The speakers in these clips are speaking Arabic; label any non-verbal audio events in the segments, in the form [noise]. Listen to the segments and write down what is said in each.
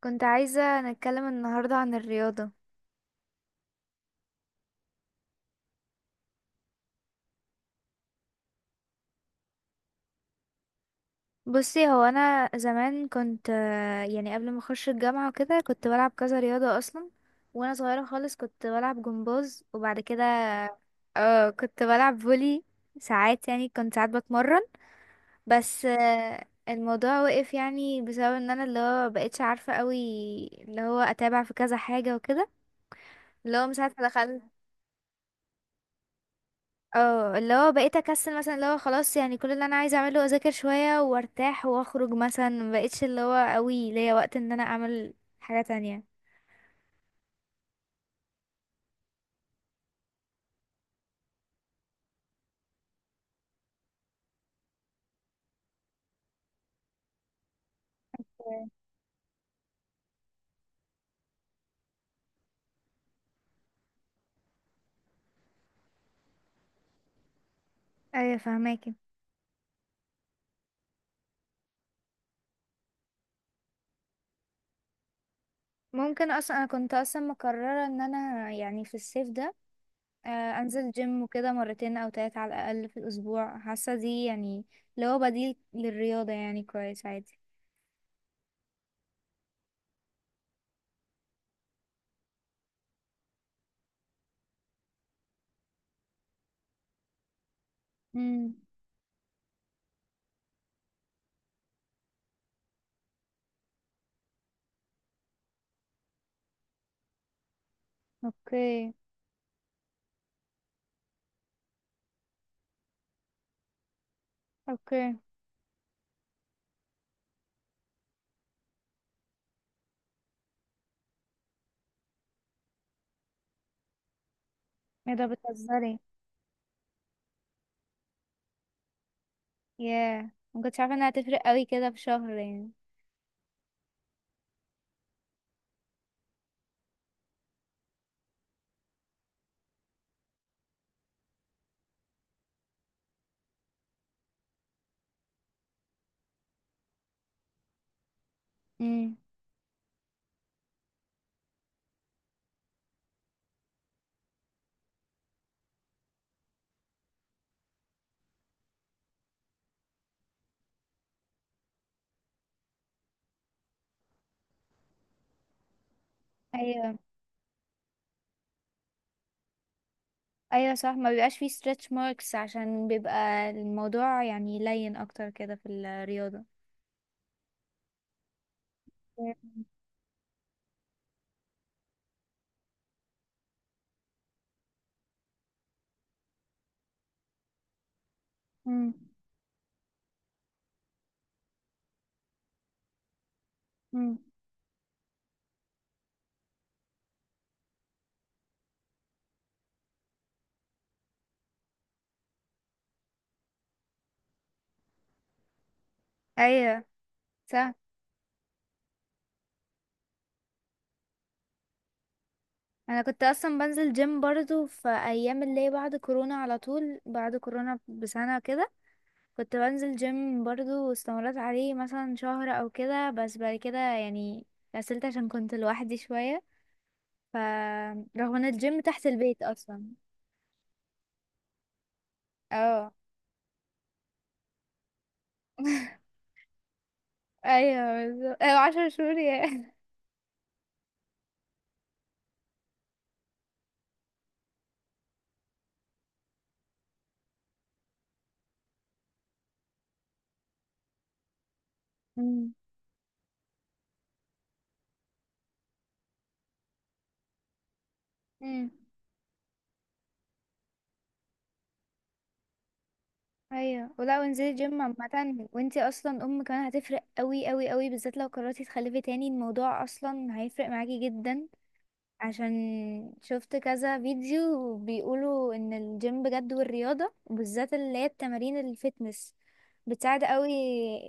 كنت عايزة نتكلم النهاردة عن الرياضة. بصي، هو أنا زمان كنت يعني قبل ما أخش الجامعة وكده كنت بلعب كذا رياضة أصلا. وأنا صغيرة خالص كنت بلعب جمباز، وبعد كده اه كنت بلعب فولي ساعات، يعني كنت ساعات بتمرن. بس الموضوع وقف يعني بسبب ان انا اللي هو مبقتش عارفة قوي اللي هو اتابع في كذا حاجة وكده، اللي هو من ساعة ما دخلت اه اللي هو بقيت اكسل مثلا، اللي هو خلاص يعني كل اللي انا عايزه اعمله اذاكر شويه وارتاح واخرج مثلا، ما بقتش اللي هو قوي ليا وقت ان انا اعمل حاجه تانية. ايوه فهماكي. ممكن اصلا انا كنت اصلا مقرره ان انا يعني في الصيف ده، آه، انزل جيم وكده مرتين او تلاتة على الاقل في الاسبوع. حاسه دي يعني اللي هو بديل للرياضه يعني كويس عادي. امم. اوكي. اوكي. ايه ده، بتهزري؟ ياه، ما كنتش عارفه انها هتفرق قوي كده في شهر يعني. مم. ايوه. ايوه صح، ما بيبقاش فيه stretch marks عشان بيبقى الموضوع يعني لين اكتر كده في الرياضة. مم. مم. ايوه صح. انا كنت اصلا بنزل جيم برضو في ايام اللي هي بعد كورونا، على طول بعد كورونا بسنة كده كنت بنزل جيم برضو، واستمريت عليه مثلا شهر او كده، بس بعد كده يعني كسلت عشان كنت لوحدي شوية. ف رغم ان الجيم تحت البيت اصلا. اه. [laughs] ايوه بالظبط. ايوه عشر شهور يا. مم. امم. ايوه، ولا وانزلي جيم عامة، وانتي اصلا ام كمان هتفرق قوي قوي قوي، بالذات لو قررتي تخلفي تاني الموضوع اصلا هيفرق معاكي جدا. عشان شفت كذا فيديو بيقولوا ان الجيم بجد والرياضة، وبالذات اللي هي التمارين الفتنس بتساعد قوي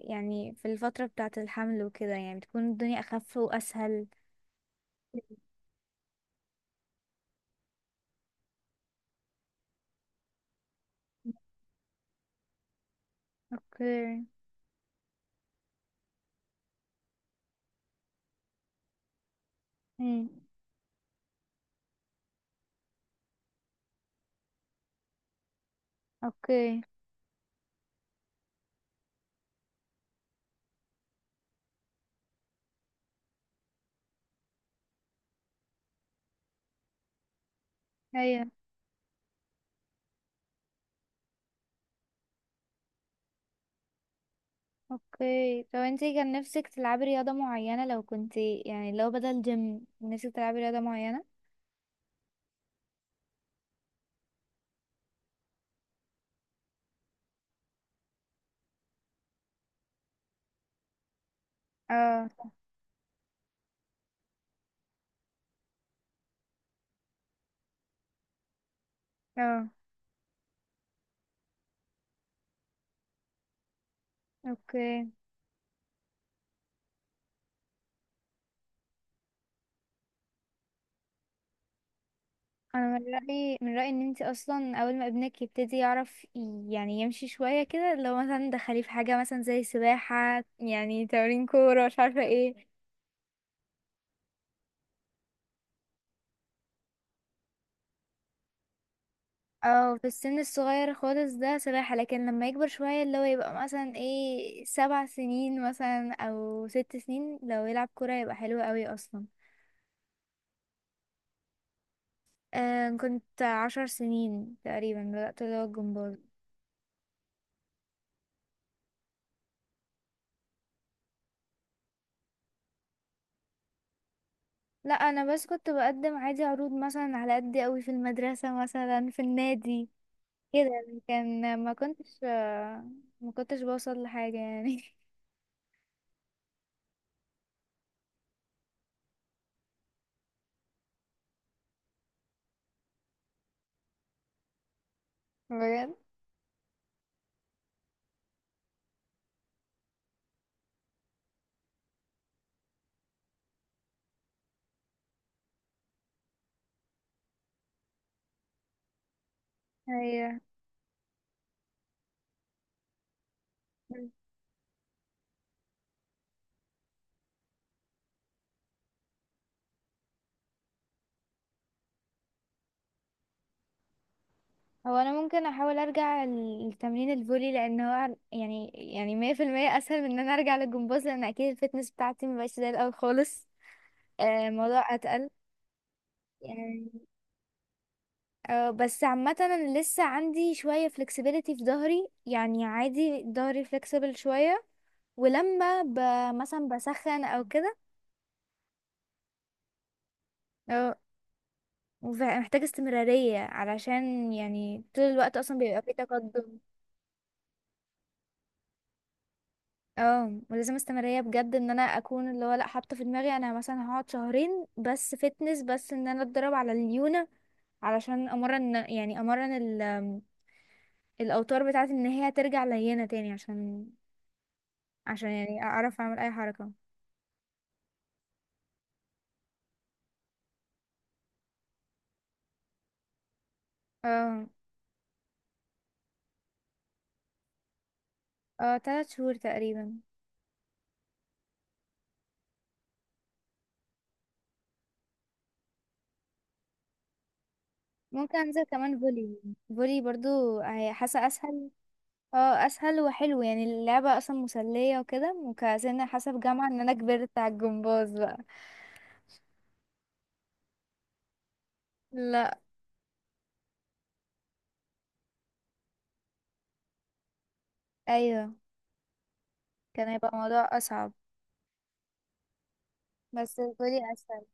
يعني في الفترة بتاعة الحمل وكده، يعني بتكون الدنيا اخف واسهل. اوكي. امم. اوكي. ايوه. اوكي، طب انتي كان نفسك تلعبي رياضة معينة لو كنتي، يعني لو بدل جيم نفسك تلعبي رياضة معينة؟ اه. اه. اوكي. انا من رأيي، من رأيي ان انتي اصلا اول ما ابنك يبتدي يعرف يعني يمشي شوية كده، لو مثلا دخليه في حاجة مثلا زي سباحة، يعني تمرين كورة مش عارفة ايه. اه في السن الصغير خالص ده سباحة، لكن لما يكبر شوية اللي هو يبقى مثلا ايه سبع سنين مثلا او ست سنين لو يلعب كورة يبقى حلو قوي اصلا. آه كنت عشر سنين تقريبا بدأت اللي هو الجمباز. لا انا بس كنت بقدم عادي عروض مثلا على قد قوي في المدرسة، مثلا في النادي كده يعني. كان ما كنتش آه ما كنتش بوصل لحاجة يعني. [laughs] بجد. ايوه. هو انا ممكن احاول ارجع لتمرين الفولي لان هو يعني يعني 100% اسهل من ان انا ارجع للجمباز، لان اكيد الفتنس بتاعتي مبقاش زي الاول خالص. الموضوع اتقل يعني. أه، بس عامة انا لسه عندي شوية flexibility في ظهري يعني عادي، ظهري flexible شوية. ولما ب... مثلا بسخن او كده. أه. محتاجة استمرارية علشان يعني طول الوقت اصلا بيبقى في تقدم. اه ولازم استمرارية بجد، ان انا اكون اللي هو لا حاطة في دماغي انا مثلا هقعد شهرين بس فتنس، بس ان انا اتدرب على الليونة علشان امرن، يعني الاوتار بتاعتي ان هي ترجع لينة تاني، عشان عشان يعني اعرف اعمل اي حركة. اه. اه تلات شهور تقريبا. ممكن انزل كمان فولي، فولي برضو حاسه اسهل. اه اسهل وحلو يعني، اللعبه اصلا مسليه وكده، وكأن حاسه في جامعه ان انا كبرت على الجمباز بقى. لا. ايوه، كان هيبقى الموضوع اصعب. بس الفولي اسهل.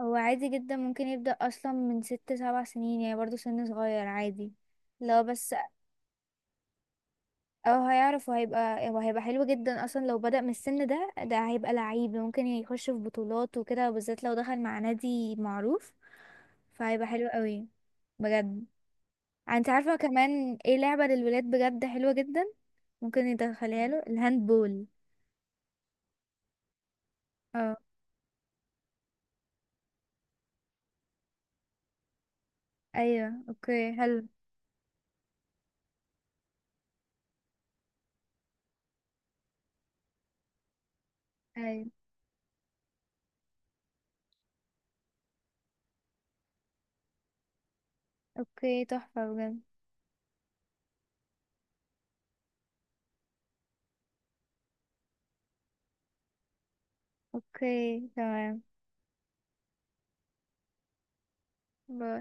هو عادي جدا ممكن يبدأ اصلا من ست سبع سنين يعني، برضو سن صغير عادي لو بس. اه هيعرف، وهيبقى حلو جدا اصلا لو بدأ من السن ده، ده هيبقى لعيب ممكن يخش في بطولات وكده، وبالذات لو دخل مع نادي معروف فهيبقى حلو قوي. بجد، انت عارفة كمان ايه لعبة للولاد بجد حلوة جدا؟ ممكن يدخلها له الهاند بول. اه. ايوه اوكي حلو. ايوه اوكي تحفة بجد. اوكي تمام. باي.